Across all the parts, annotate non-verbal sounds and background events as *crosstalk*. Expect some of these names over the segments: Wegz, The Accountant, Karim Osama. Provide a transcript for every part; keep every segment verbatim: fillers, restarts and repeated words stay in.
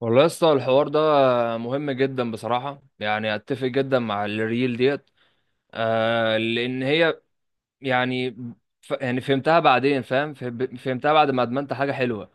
والله يا اسطى، الحوار ده مهم جدا بصراحة. يعني اتفق جدا مع الريل ديت. آه لان هي يعني. ف يعني فهمتها بعدين، فاهم، فه- فهمتها بعد ما ادمنت حاجة حلوة.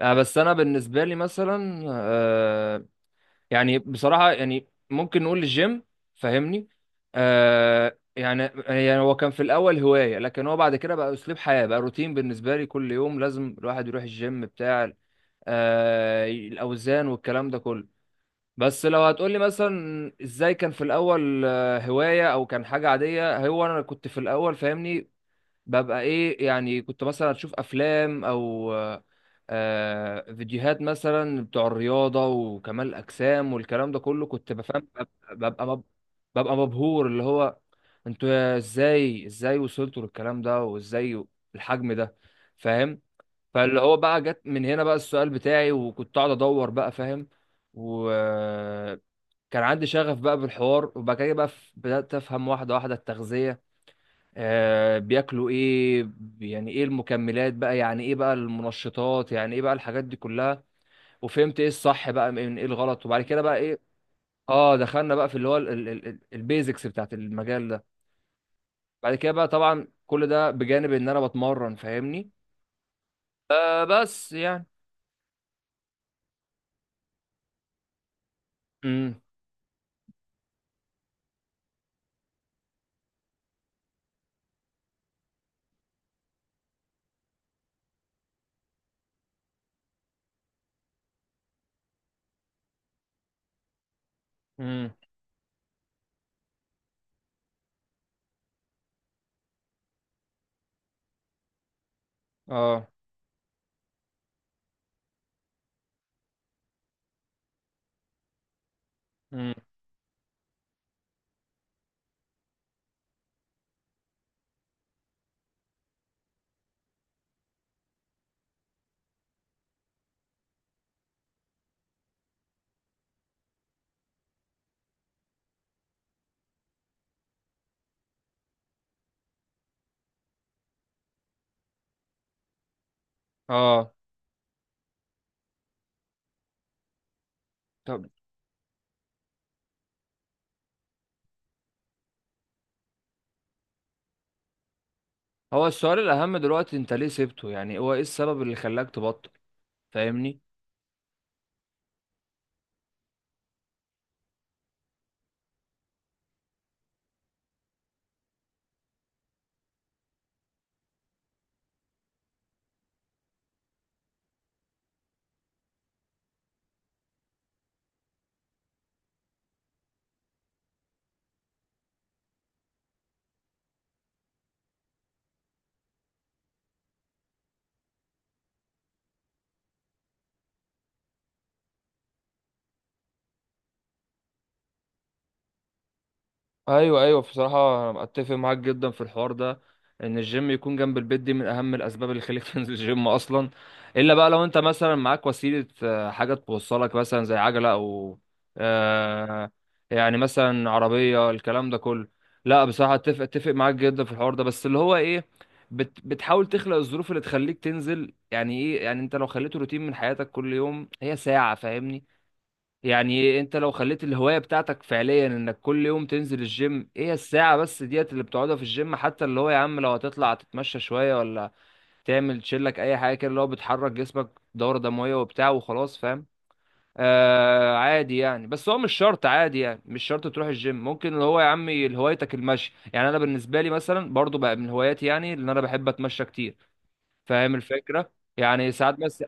آه بس انا بالنسبة لي مثلا، آه يعني بصراحة يعني ممكن نقول الجيم، فاهمني؟ آه يعني يعني هو كان في الاول هواية، لكن هو بعد كده بقى اسلوب حياة، بقى روتين بالنسبة لي. كل يوم لازم الواحد يروح الجيم بتاع آه الاوزان والكلام ده كله. بس لو هتقولي مثلا ازاي كان في الاول، آه، هواية او كان حاجة عادية. هو انا كنت في الاول فاهمني؟ ببقى ايه؟ يعني كنت مثلا اشوف افلام او آه، آه، فيديوهات مثلا بتوع الرياضة وكمال الاجسام والكلام ده كله، كنت بفهم. ببقى مب- ببقى مبهور اللي هو انتوا ازاي ازاي وصلتوا للكلام ده وازاي الحجم ده، فاهم؟ فاللي هو بقى جت من هنا بقى السؤال بتاعي، وكنت قاعد ادور بقى، فاهم؟ و كان عندي شغف بقى بالحوار، وبعد كده بقى ف- بدأت أفهم واحدة واحدة التغذية. آه بياكلوا إيه، يعني إيه المكملات بقى، يعني إيه بقى المنشطات، يعني إيه بقى الحاجات دي كلها. وفهمت إيه الصح بقى من إيه الغلط، وبعد كده بقى إيه؟ آه دخلنا بقى في اللي هو البيزكس بتاعت المجال ده. بعد كده بقى طبعا كل ده بجانب إن أنا بتمرن، فاهمني؟ آه بس يعني. امم. امم. آه. امم. آه. طب، هو السؤال الأهم دلوقتي، أنت ليه سبته؟ يعني هو إيه السبب اللي خلاك تبطل؟ فاهمني؟ ايوه ايوه، بصراحه انا اتفق معاك جدا في الحوار ده، ان الجيم يكون جنب البيت دي من اهم الاسباب اللي خليك *laughs* تنزل الجيم اصلا. الا بقى لو انت مثلا معاك وسيله، آه، حاجه توصلك، مثلا زي عجله او آه، يعني مثلا عربيه، الكلام ده كله. لا بصراحه، اتفق اتفق معاك جدا في الحوار ده، بس اللي هو ايه، بت بتحاول تخلق الظروف اللي تخليك تنزل. يعني ايه؟ يعني انت لو خليته روتين من حياتك، كل يوم هي ساعه، فاهمني؟ يعني انت لو خليت الهواية بتاعتك فعليا انك كل يوم تنزل الجيم، ايه الساعة بس ديت اللي بتقعدها في الجيم. حتى اللي هو يا عم، لو هتطلع تتمشى شوية، ولا تعمل تشيلك اي حاجة كده اللي هو بتحرك جسمك، دورة دموية وبتاع وخلاص، فاهم؟ آه عادي يعني، بس هو مش شرط، عادي يعني مش شرط تروح الجيم. ممكن اللي هو يا عمي هوايتك المشي. يعني انا بالنسبة لي مثلا برضو بقى من هواياتي، يعني ان انا بحب اتمشى كتير، فاهم الفكرة؟ يعني ساعات بس.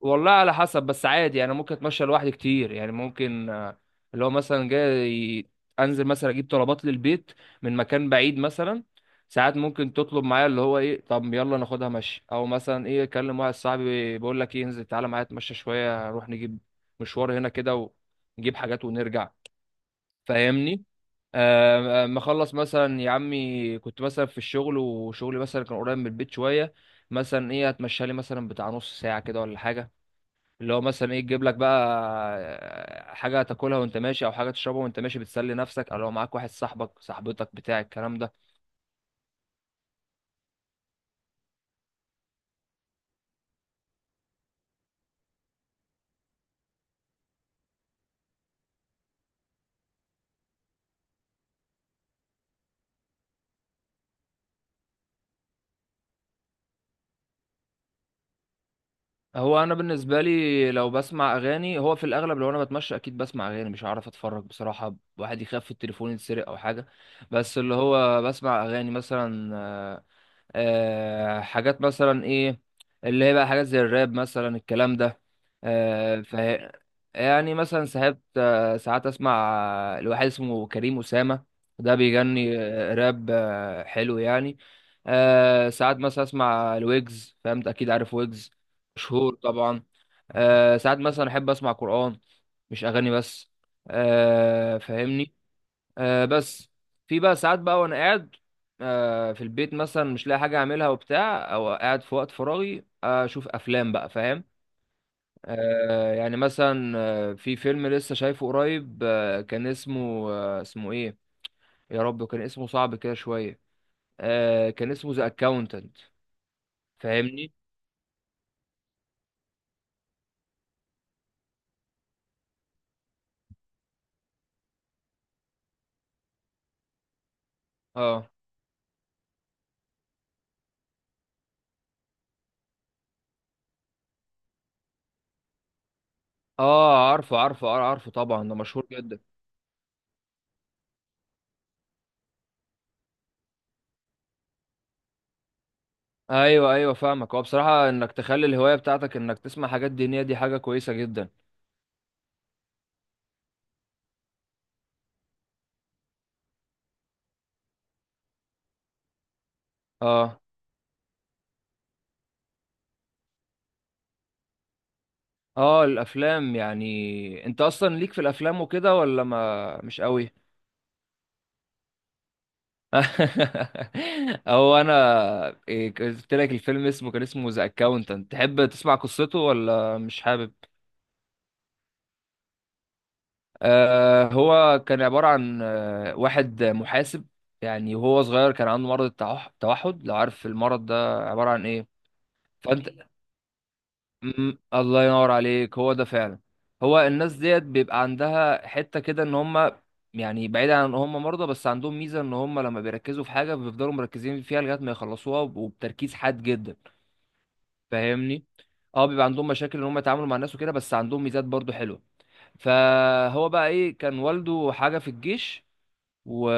والله على حسب، بس عادي يعني، ممكن اتمشى لوحدي كتير. يعني ممكن آه، اللي هو مثلا جاي انزل مثلا اجيب طلبات للبيت من مكان بعيد مثلا. ساعات ممكن تطلب معايا اللي هو ايه، طب يلا ناخدها مشي. او مثلا ايه، اكلم واحد صاحبي بقول لك ايه، انزل تعالى معايا اتمشى شويه، نروح نجيب مشوار هنا كده، ونجيب حاجات ونرجع، فاهمني؟ آه، آه، مخلص مثلا يا عمي، كنت مثلا في الشغل وشغلي مثلا كان قريب من البيت شويه، مثلا ايه اتمشى لي مثلا بتاع نص ساعه كده ولا حاجه، اللي هو مثلا ايه تجيب لك بقى آه، حاجه تاكلها وانت ماشي، او حاجه تشربها وانت ماشي، بتسلي نفسك، او لو معاك واحد صاحبك صاحبتك بتاع الكلام ده. هو انا بالنسبه لي، لو بسمع اغاني، هو في الاغلب لو انا بتمشى اكيد بسمع اغاني، مش هعرف اتفرج بصراحه، واحد يخاف التليفون يتسرق او حاجه. بس اللي هو بسمع اغاني مثلا آه، آه، حاجات مثلا ايه، اللي هي بقى حاجات زي الراب مثلا، الكلام ده. آه، ف يعني مثلا ساعات، آه، ساعات اسمع آه، لواحد اسمه كريم أسامة. ده بيغني آه، راب، آه، حلو يعني. آه، ساعات مثلا اسمع الويجز، فهمت؟ اكيد عارف ويجز، مشهور طبعا. آه، ساعات مثلا احب اسمع قرآن، مش اغاني بس، آه، فاهمني؟ آه بس، في بقى ساعات بقى وانا قاعد آه في البيت مثلا مش لاقي حاجه اعملها وبتاع، او قاعد في وقت فراغي، آه، اشوف افلام بقى، فاهم؟ آه يعني مثلا، آه، في فيلم لسه شايفه قريب، آه كان اسمه، آه اسمه ايه يا رب، كان اسمه صعب كده شويه. آه كان اسمه ذا اكاونتنت، فاهمني؟ اه اه، عارفه عارفه، آه، عارفه طبعا، ده مشهور جدا. ايوه ايوه، فاهمك. هو بصراحه انك تخلي الهوايه بتاعتك انك تسمع حاجات دينيه، دي حاجه كويسه جدا. اه اه، الافلام. يعني انت اصلا ليك في الافلام وكده ولا ما مش قوي؟ *laughs* او انا إيه، قلت لك الفيلم اسمه، كان اسمه ذا اكاونتنت، تحب تسمع قصته ولا مش حابب؟ آه، هو كان عبارة عن آه، واحد محاسب. يعني وهو صغير كان عنده مرض التوح- التوحد، لو عارف المرض ده عبارة عن ايه. فانت، مم، الله ينور عليك، هو ده فعلا. هو الناس ديت بيبقى عندها حتة كده، ان هم يعني بعيد عن ان هم مرضى، بس عندهم ميزة ان هم لما بيركزوا في حاجة بيفضلوا مركزين فيها لغاية ما يخلصوها، وب- وبتركيز حاد جدا، فاهمني؟ اه، بيبقى عندهم مشاكل ان هم يتعاملوا مع الناس وكده، بس عندهم ميزات برضو حلوة. فهو بقى ايه، كان والده حاجة في الجيش، و...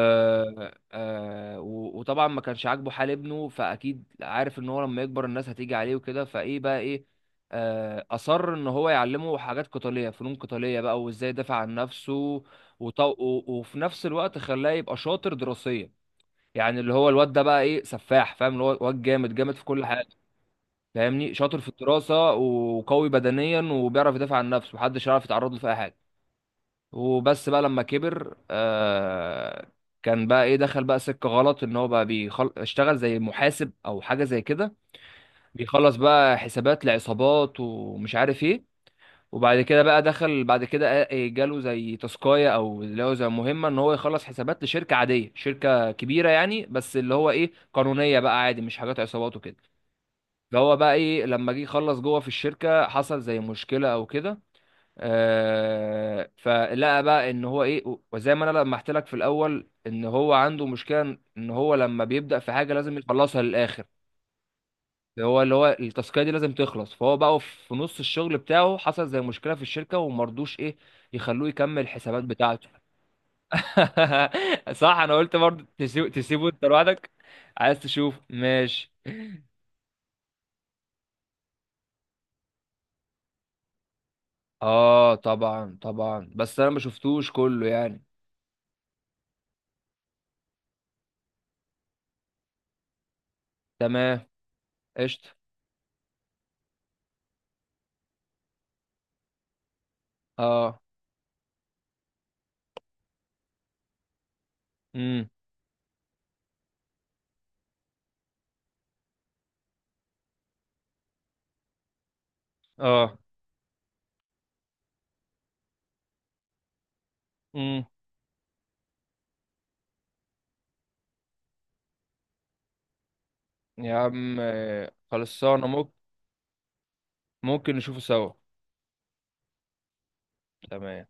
آه... و... وطبعا ما كانش عاجبه حال ابنه، فاكيد عارف ان هو لما يكبر الناس هتيجي عليه وكده. فايه بقى ايه، آه... اصر ان هو يعلمه حاجات قتاليه، فنون قتاليه بقى، وازاي يدافع عن نفسه. وط... و... وفي نفس الوقت خلاه يبقى شاطر دراسيا. يعني اللي هو الواد ده بقى ايه، سفاح، فاهم؟ اللي هو واد جامد جامد في كل حاجه، فاهمني؟ شاطر في الدراسه وقوي بدنيا وبيعرف يدافع عن نفسه، محدش يعرف يتعرض له في اي حاجه. وبس بقى لما كبر، آه كان بقى ايه، دخل بقى سكة غلط. ان هو بقى بيخل... اشتغل زي محاسب او حاجة زي كده، بيخلص بقى حسابات لعصابات ومش عارف ايه. وبعد كده بقى دخل بعد كده، آه، جاله زي تاسكاية، او اللي هو زي مهمة، ان هو يخلص حسابات لشركة عادية، شركة كبيرة يعني، بس اللي هو ايه، قانونية بقى، عادي مش حاجات عصابات وكده. فهو بقى ايه لما جه يخلص جوه في الشركة، حصل زي مشكلة او كده. آه، فلقى بقى ان هو ايه، وزي ما انا لما قلت لك في الاول، ان هو عنده مشكله ان هو لما بيبدا في حاجه لازم يخلصها للاخر. هو اللي هو التاسكيه دي لازم تخلص، فهو بقى في نص الشغل بتاعه حصل زي مشكله في الشركه ومرضوش ايه يخلوه يكمل الحسابات بتاعته. *laughs* صح، انا قلت برضه، تسيبه تسيبه انت لوحدك. عايز تشوف، ماشي. اه طبعا طبعا، بس انا ما شفتوش كله يعني. تمام. قشطه. اه. امم. اه. مم. يا عم، آه، خلصانة، ممكن ممكن نشوفه سوا. تمام.